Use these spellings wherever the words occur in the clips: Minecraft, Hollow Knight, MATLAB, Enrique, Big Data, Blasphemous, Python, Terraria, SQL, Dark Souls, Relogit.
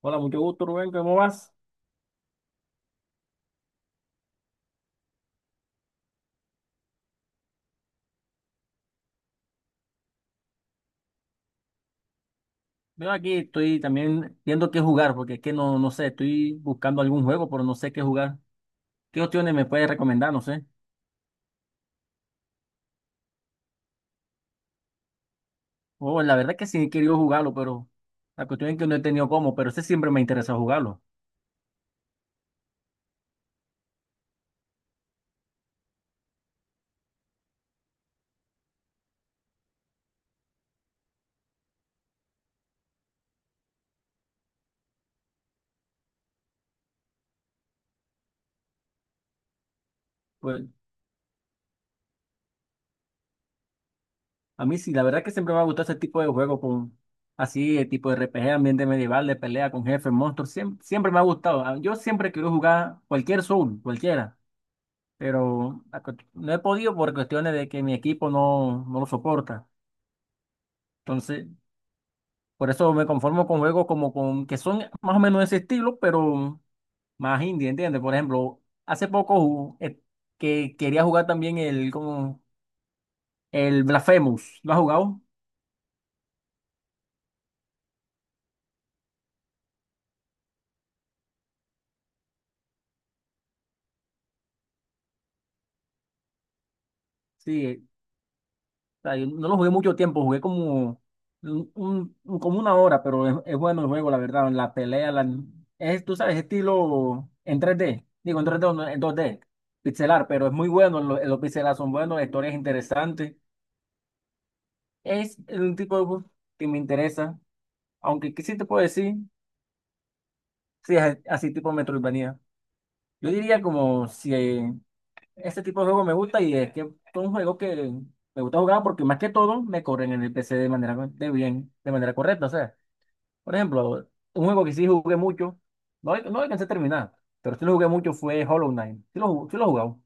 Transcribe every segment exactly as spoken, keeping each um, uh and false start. Hola, mucho gusto, Rubén, ¿cómo vas? Yo aquí estoy también viendo qué jugar, porque es que no, no sé, estoy buscando algún juego, pero no sé qué jugar. ¿Qué opciones me puedes recomendar? No sé. Oh, la verdad es que sí he querido jugarlo, pero la cuestión es que no he tenido cómo, pero ese siempre me interesa jugarlo. Pues a mí sí, la verdad es que siempre me ha gustado ese tipo de juego, con, así, el tipo de R P G, ambiente medieval, de pelea con jefes, monstruos, siempre, siempre me ha gustado. Ah, yo siempre quiero jugar cualquier Soul, cualquiera, pero la cuest- no he podido por cuestiones de que mi equipo no, no lo soporta. Entonces, por eso me conformo con juegos como con, que son más o menos de ese estilo, pero más indie, ¿entiendes? Por ejemplo, hace poco ju- eh, que quería jugar también el, como, el Blasphemous. ¿Lo has jugado? Sí, eh, o sea, yo no lo jugué mucho tiempo, jugué como, un, un- como una hora, pero es, es bueno el juego, la verdad. La pelea, la, es, tú sabes, estilo en tres d. Digo, en tres d o no, en dos d pixelar, pero es muy bueno, lo- los pixelar son buenos, la historia es interesante. Es un tipo de bus que me interesa, aunque ¿qué sí te puedo decir? Sí, es así tipo Metroidvania. Yo diría como si eh, este tipo de juego me gusta y es que es un juego que me gusta jugar porque más que todo me corren en el P C de manera de bien, de manera correcta. O sea, por ejemplo, un juego que sí jugué mucho, no, no alcancé a terminar, pero sí lo jugué mucho fue Hollow Knight. Sí lo, jug- sí lo he jugado.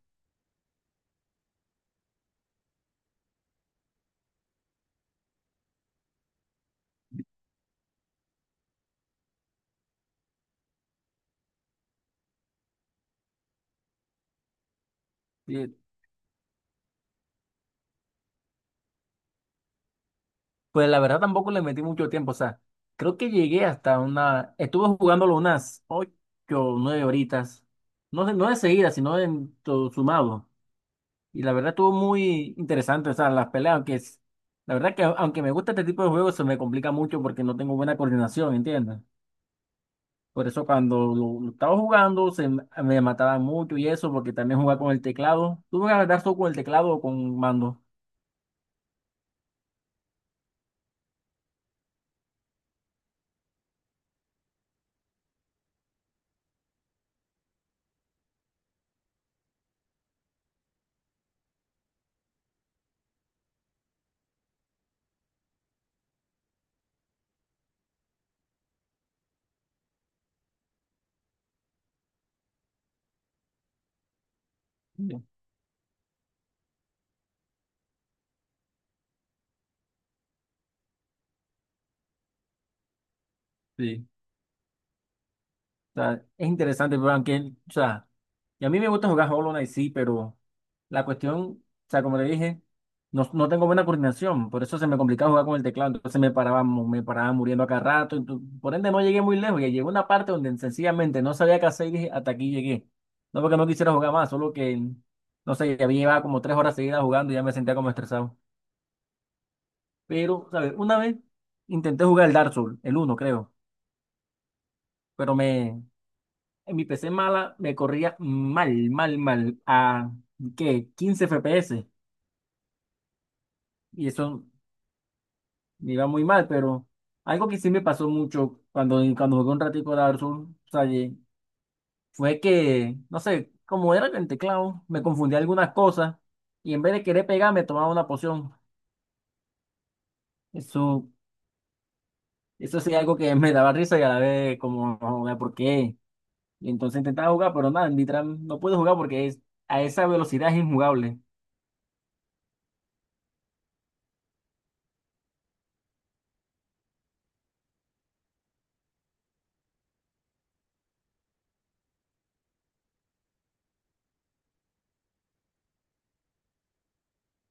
Pues la verdad tampoco le metí mucho tiempo, o sea, creo que llegué hasta una, estuve jugándolo unas ocho o nueve horitas, no sé, no de seguida, sino en todo sumado, y la verdad estuvo muy interesante, o sea, las peleas, aunque es, la verdad que aunque me gusta este tipo de juegos se me complica mucho porque no tengo buena coordinación, ¿entiendes? Por eso cuando lo, lo estaba jugando se m- me mataban mucho y eso, porque también jugaba con el teclado, tuve que adaptar solo con el teclado o con mando. Sí. O sea, es interesante, pero aunque, o sea, y a mí me gusta jugar Hollow Knight, sí, pero la cuestión, o sea, como le dije, no, no tengo buena coordinación, por eso se me complicaba jugar con el teclado, entonces me paraba, mu- me paraba muriendo a cada rato, entonces, por ende no llegué muy lejos, y llegó una parte donde sencillamente no sabía qué hacer y dije, hasta aquí llegué. No porque no quisiera jugar más, solo que, no sé, ya había llevado como tres horas seguidas jugando y ya me sentía como estresado. Pero, ¿sabes? Una vez intenté jugar el Dark Souls, el uno, creo, pero me, en mi P C mala me corría mal, mal, mal. A, ¿qué? quince F P S. Y eso me iba muy mal, pero algo que sí me pasó mucho cuando, cuando jugué un ratico Dark Souls, o sea, y fue que, no sé, como era con el teclado, me confundí algunas cosas y en vez de querer pegar me tomaba una poción. Eso, eso sí algo que me daba risa y a la vez como, no, ¿por qué? Y entonces intentaba jugar, pero nada, en Nitran no pude jugar porque es, a esa velocidad es injugable.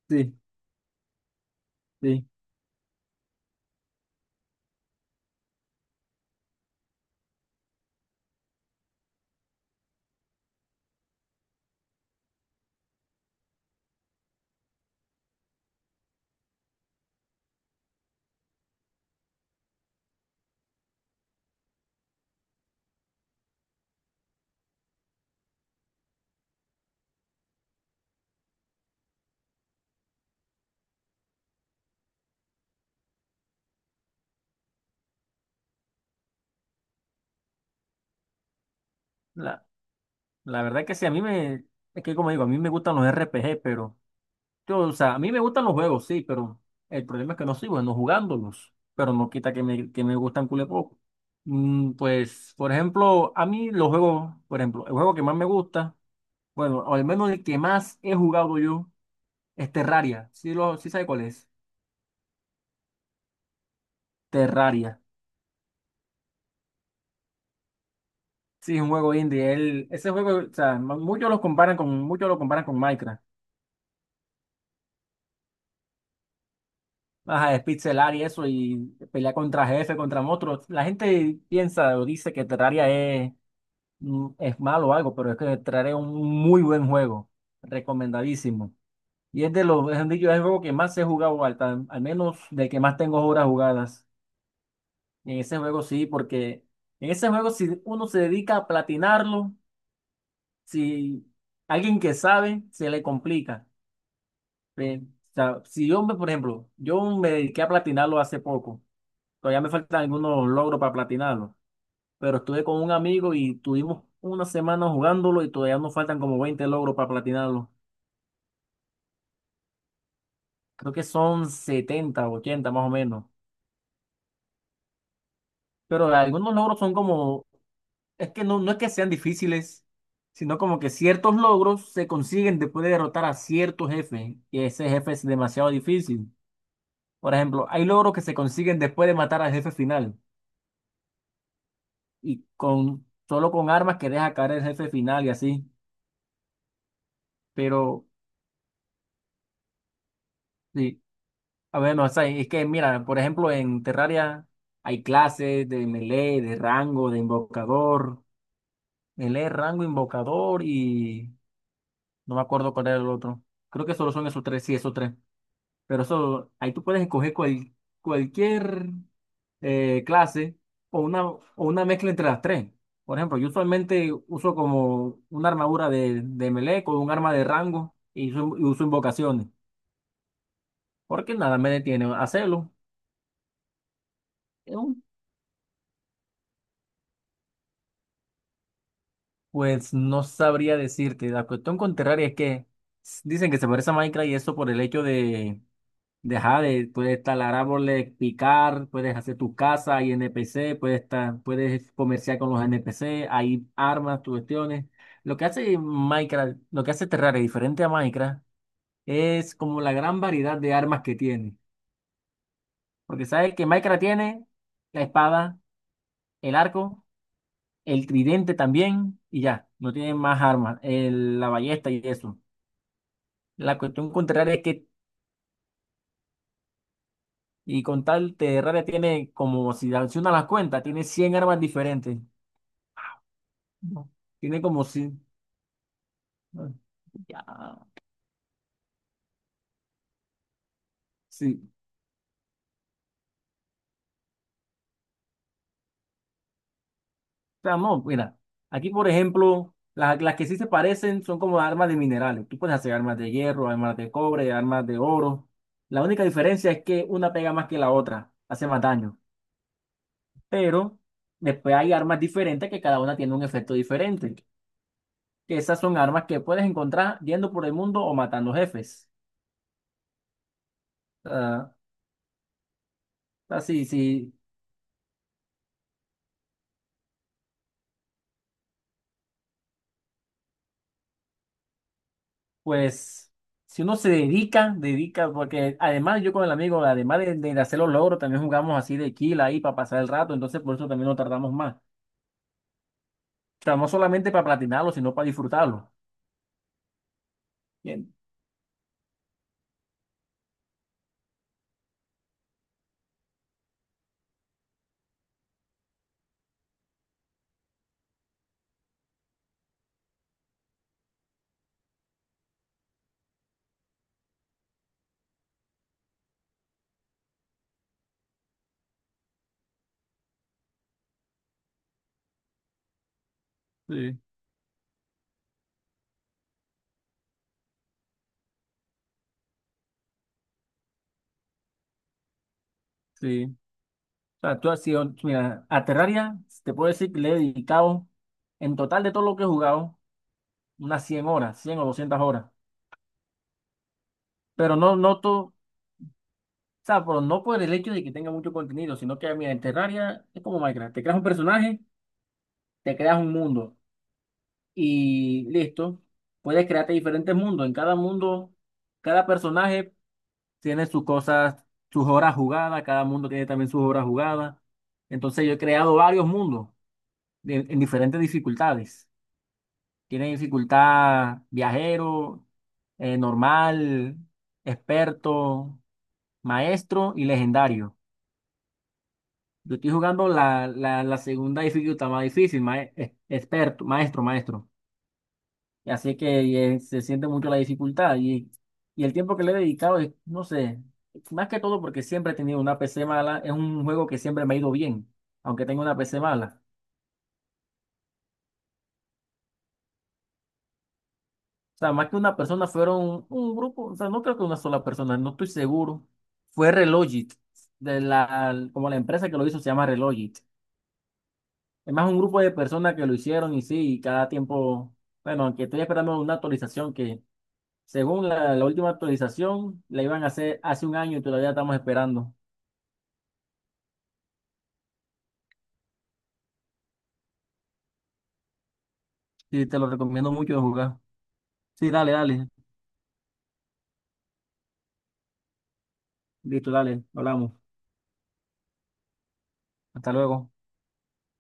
Sí, sí. La verdad que sí, a mí me, es que como digo, a mí me gustan los R P G, pero yo, o sea, a mí me gustan los juegos, sí, pero el problema es que no soy bueno jugándolos, pero no quita que me, que me gustan cule poco. Mm, pues, por ejemplo, a mí los juegos, por ejemplo, el juego que más me gusta, bueno, o al menos el que más he jugado yo, es Terraria, sí, lo, sí sabe cuál es, Terraria, sí, es un juego indie, él, ese juego, o sea, muchos los comparan con, muchos lo comparan con Minecraft. Ajá, despixelar y eso, y pelear contra jefe, contra monstruos. La gente piensa o dice que Terraria es, mm, es malo o algo, pero es que Terraria es un muy buen juego, recomendadísimo. Y es de los, es dicho, es el juego que más he jugado, al, tan- al menos de que más tengo horas jugadas. Y en ese juego sí, porque en ese juego si uno se dedica a platinarlo, si alguien que sabe, se le complica. Eh, o sea, si yo, me- por ejemplo, yo me dediqué a platinarlo hace poco. Todavía me faltan algunos logros para platinarlo. Pero estuve con un amigo y tuvimos una semana jugándolo y todavía nos faltan como veinte logros para platinarlo. Creo que son setenta o ochenta más o menos. Pero algunos logros son como, es que no, no es que sean difíciles, sino como que ciertos logros se consiguen después de derrotar a cierto jefe y ese jefe es demasiado difícil. Por ejemplo, hay logros que se consiguen después de matar al jefe final y con solo con armas que deja caer el jefe final y así. Pero sí. A ver, no, o sea, es que mira, por ejemplo, en Terraria hay clases de melee, de rango, de invocador, melee, rango, invocador y no me acuerdo cuál era el otro. Creo que solo son esos tres, sí, esos tres. Pero eso, ahí tú puedes escoger cual- cualquier eh, clase o una, o una mezcla entre las tres. Por ejemplo, yo usualmente uso como una armadura de, de melee con un arma de rango y uso, y uso invocaciones, porque nada me detiene a hacerlo. Pues no sabría decirte. La cuestión con Terraria es que s- dicen que se parece a Minecraft y eso por el hecho de dejar de, ajá, de- puedes talar árboles, picar, puedes hacer tu casa, hay N P C, puedes, ta- puedes comerciar con los N P C, hay armas, tus cuestiones. Lo que hace Minecraft, lo que hace Terraria diferente a Minecraft es como la gran variedad de armas que tiene. Porque sabes que Minecraft tiene la espada, el arco, el tridente también y ya, no tiene más armas, el- la ballesta y eso. La cuestión contraria es que, y con tal Terraria tiene como, si una las cuentas, tiene cien armas diferentes. No. Tiene como si, ya, sí. O sea, no, mira, aquí por ejemplo, la- las que sí se parecen son como armas de minerales. Tú puedes hacer armas de hierro, armas de cobre, armas de oro. La única diferencia es que una pega más que la otra, hace más daño. Pero después hay armas diferentes que cada una tiene un efecto diferente. Que esas son armas que puedes encontrar yendo por el mundo o matando jefes. Ah, así, sí, sí, pues si uno se dedica, dedica, porque además yo con el amigo, además de, de, hacer los logros, también jugamos así de kill ahí para pasar el rato, entonces por eso también no tardamos más. O sea, no solamente para platinarlo, sino para disfrutarlo. Bien. Sí, sí. O sea, tú has sido, mira, a Terraria, te puedo decir que le he dedicado, en total de todo lo que he jugado, unas cien horas, cien o doscientas horas. Pero no noto, o sea, pero no por el hecho de que tenga mucho contenido, sino que, mira, en Terraria es como Minecraft, te creas un personaje, te creas un mundo y listo, puedes crearte diferentes mundos. En cada mundo, cada personaje tiene sus cosas, sus horas jugadas, cada mundo tiene también sus horas jugadas. Entonces yo he creado varios mundos de- en diferentes dificultades. Tiene dificultad viajero, eh, normal, experto, maestro y legendario. Yo estoy jugando la, la, la segunda dificultad más difícil, mae- eh, experto, maestro, maestro. Y así que eh, se siente mucho la dificultad y, y el tiempo que le he dedicado es, no sé, más que todo porque siempre he tenido una P C mala, es un juego que siempre me ha ido bien, aunque tenga una P C mala. O sea, más que una persona fueron un grupo, o sea, no creo que una sola persona, no estoy seguro. Fue Relogit, de la, como la empresa que lo hizo se llama Relogit. Es más un grupo de personas que lo hicieron y sí, y cada tiempo, bueno, aunque estoy esperando una actualización que según la, la última actualización, la iban a hacer hace un año y todavía estamos esperando. Sí, te lo recomiendo mucho de jugar. Sí, dale, dale. Listo, dale. Hablamos. Hasta luego.